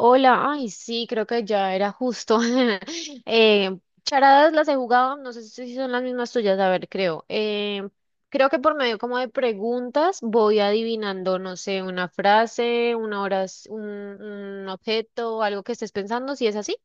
Hola, ay, sí, creo que ya era justo. Eh, Charadas las he jugado, no sé si son las mismas tuyas, a ver, creo. Creo que por medio como de preguntas voy adivinando, no sé, una frase, una hora, un objeto, algo que estés pensando, si es así.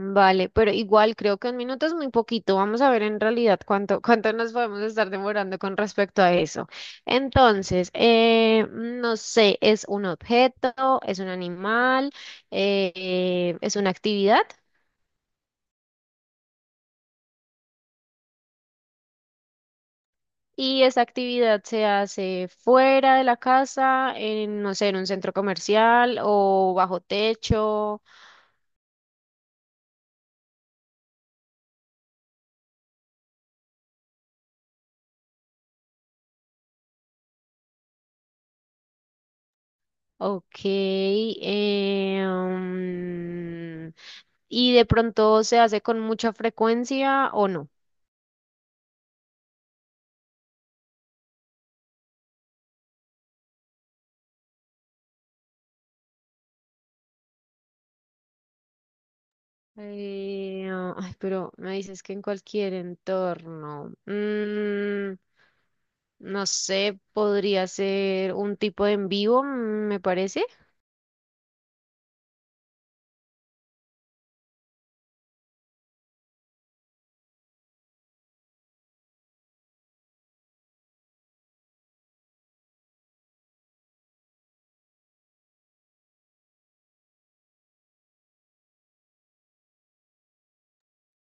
Vale, pero igual creo que un minuto es muy poquito. Vamos a ver en realidad cuánto nos podemos estar demorando con respecto a eso. Entonces, no sé, ¿es un objeto, es un animal, es una actividad? Y esa actividad se hace fuera de la casa, en, no sé, en un centro comercial o bajo techo. Ok. ¿Y de pronto se hace con mucha frecuencia o no? Ay, pero me dices que en cualquier entorno. No sé, podría ser un tipo de en vivo, me parece.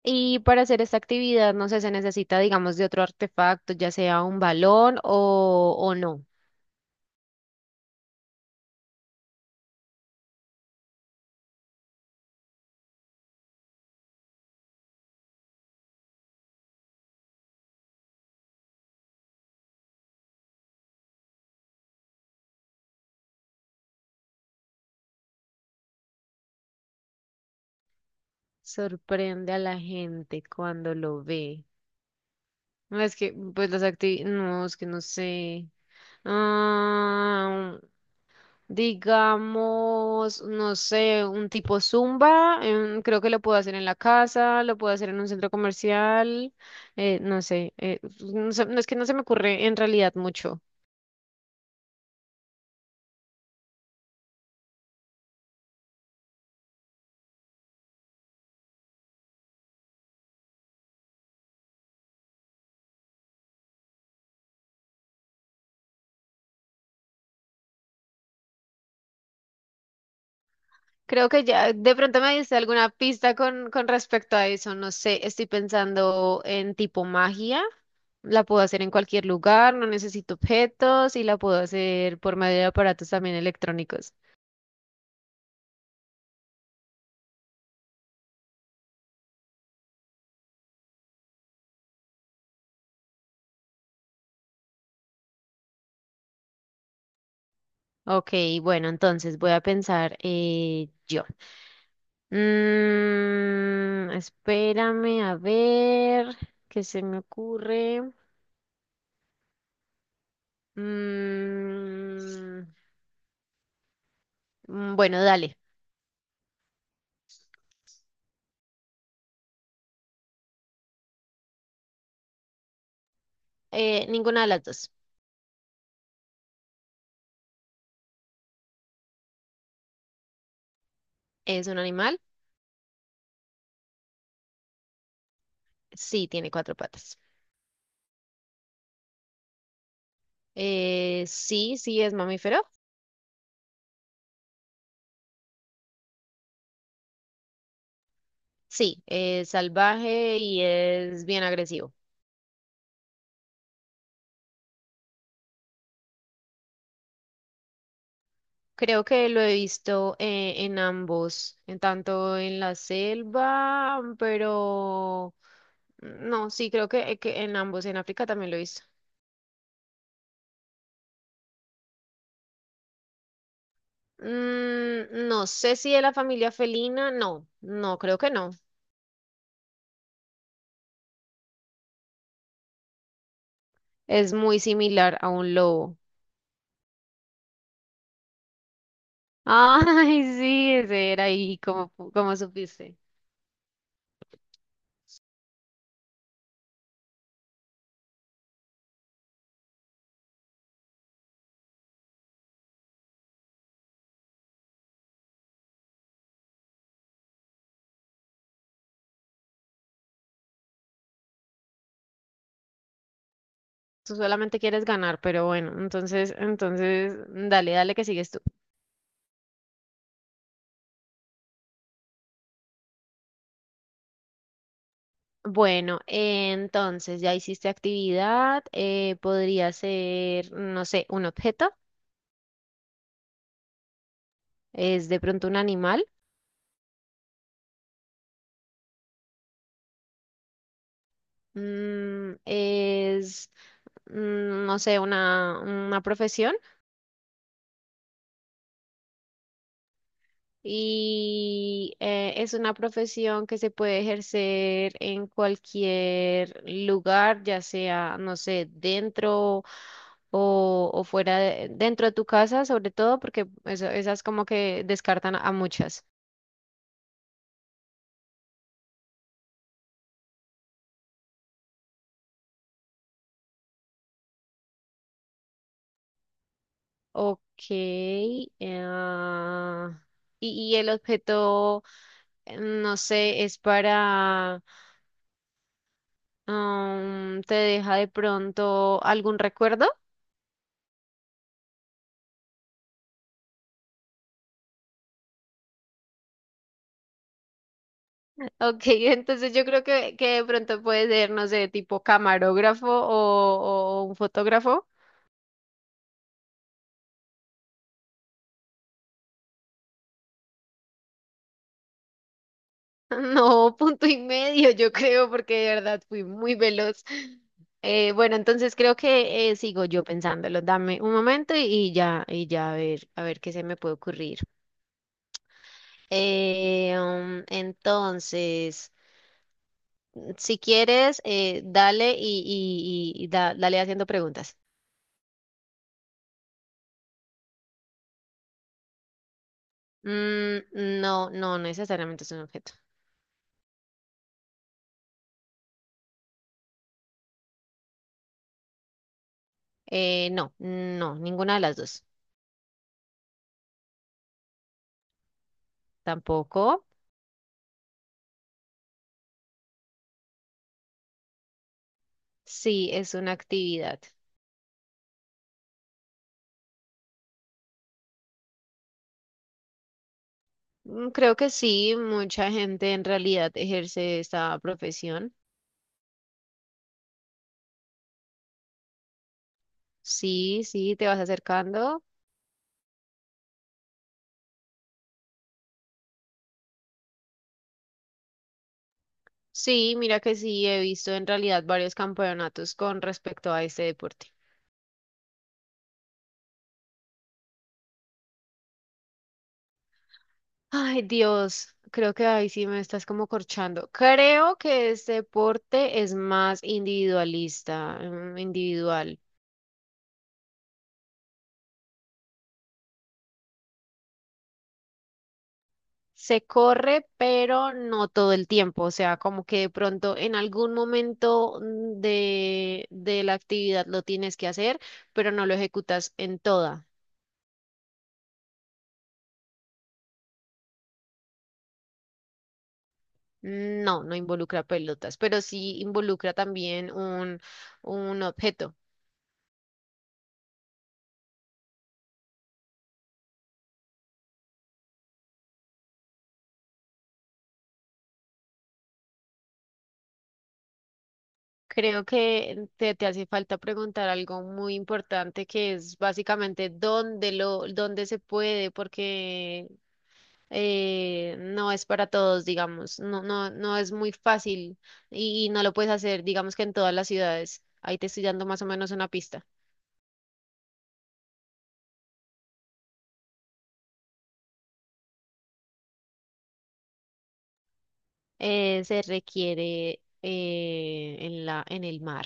Y para hacer esta actividad, no sé, se necesita, digamos, de otro artefacto, ya sea un balón o no. Sorprende a la gente cuando lo ve. No, es que, pues las actividades, no, es que no sé. Ah, Digamos, no sé, un tipo Zumba, creo que lo puedo hacer en la casa, lo puedo hacer en un centro comercial, no es que no se me ocurre en realidad mucho. Creo que ya de pronto me diste alguna pista con respecto a eso, no sé, estoy pensando en tipo magia, la puedo hacer en cualquier lugar, no necesito objetos y la puedo hacer por medio de aparatos también electrónicos. Ok, bueno, entonces voy a pensar yo. Mm, espérame a ver qué se me ocurre. Mm, bueno, dale. Ninguna de las dos. ¿Es un animal? Sí, tiene cuatro patas. Sí, sí, es mamífero. Sí, es salvaje y es bien agresivo. Creo que lo he visto en ambos, en tanto en la selva, pero no, sí, creo que en ambos, en África también lo he visto. Mm, no sé si de la familia felina, no, no, creo que no. Es muy similar a un lobo. Ay, sí, ese era ahí, como, como supiste. Tú solamente quieres ganar, pero bueno, entonces, dale, dale que sigues tú. Bueno, entonces ya hiciste actividad, podría ser, no sé, un objeto, es de pronto un animal, mm, es, no sé, una profesión. Y es una profesión que se puede ejercer en cualquier lugar, ya sea, no sé, dentro o, dentro de tu casa, sobre todo, porque esas como que descartan a muchas. Ok. ah, y, y el objeto, no sé, es para, ¿te deja de pronto algún recuerdo? Ok, entonces yo creo que de pronto puede ser, no sé, tipo camarógrafo o un fotógrafo. No, punto y medio, yo creo, porque de verdad fui muy veloz. Bueno, entonces creo que sigo yo pensándolo. Dame un momento y ya a ver qué se me puede ocurrir. Entonces, si quieres, dale y dale haciendo preguntas. Mm, no, no necesariamente es un objeto. No, no, ninguna de las dos. Tampoco. Sí, es una actividad. Creo que sí, mucha gente en realidad ejerce esta profesión. Sí, sí, te vas acercando. Sí, mira que sí, he visto en realidad varios campeonatos con respecto a este deporte. Ay, Dios, creo que ahí sí me estás como corchando. Creo que este deporte es más individualista, individual. Se corre, pero no todo el tiempo, o sea, como que de pronto en algún momento de la actividad lo tienes que hacer, pero no lo ejecutas en toda. No, no involucra pelotas, pero sí involucra también un objeto. Creo que te hace falta preguntar algo muy importante que es básicamente dónde se puede, porque no es para todos, digamos, no, no, no es muy fácil y no lo puedes hacer, digamos que en todas las ciudades. Ahí te estoy dando más o menos una pista. Se requiere en el mar.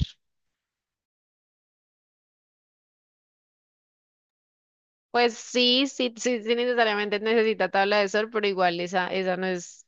Pues sí, sí, sí, sí, necesariamente necesita tabla de sol, pero igual esa no es,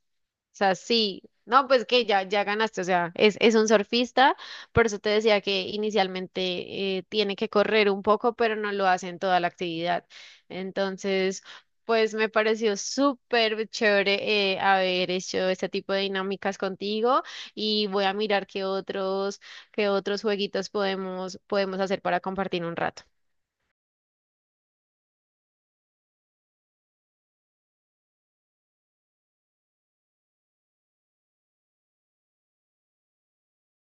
o sea, sí, no, pues que ya, ya ganaste, o sea, es un surfista, por eso te decía que inicialmente tiene que correr un poco, pero no lo hace en toda la actividad. Entonces, pues me pareció súper chévere haber hecho este tipo de dinámicas contigo y voy a mirar qué otros jueguitos podemos, podemos hacer para compartir un rato.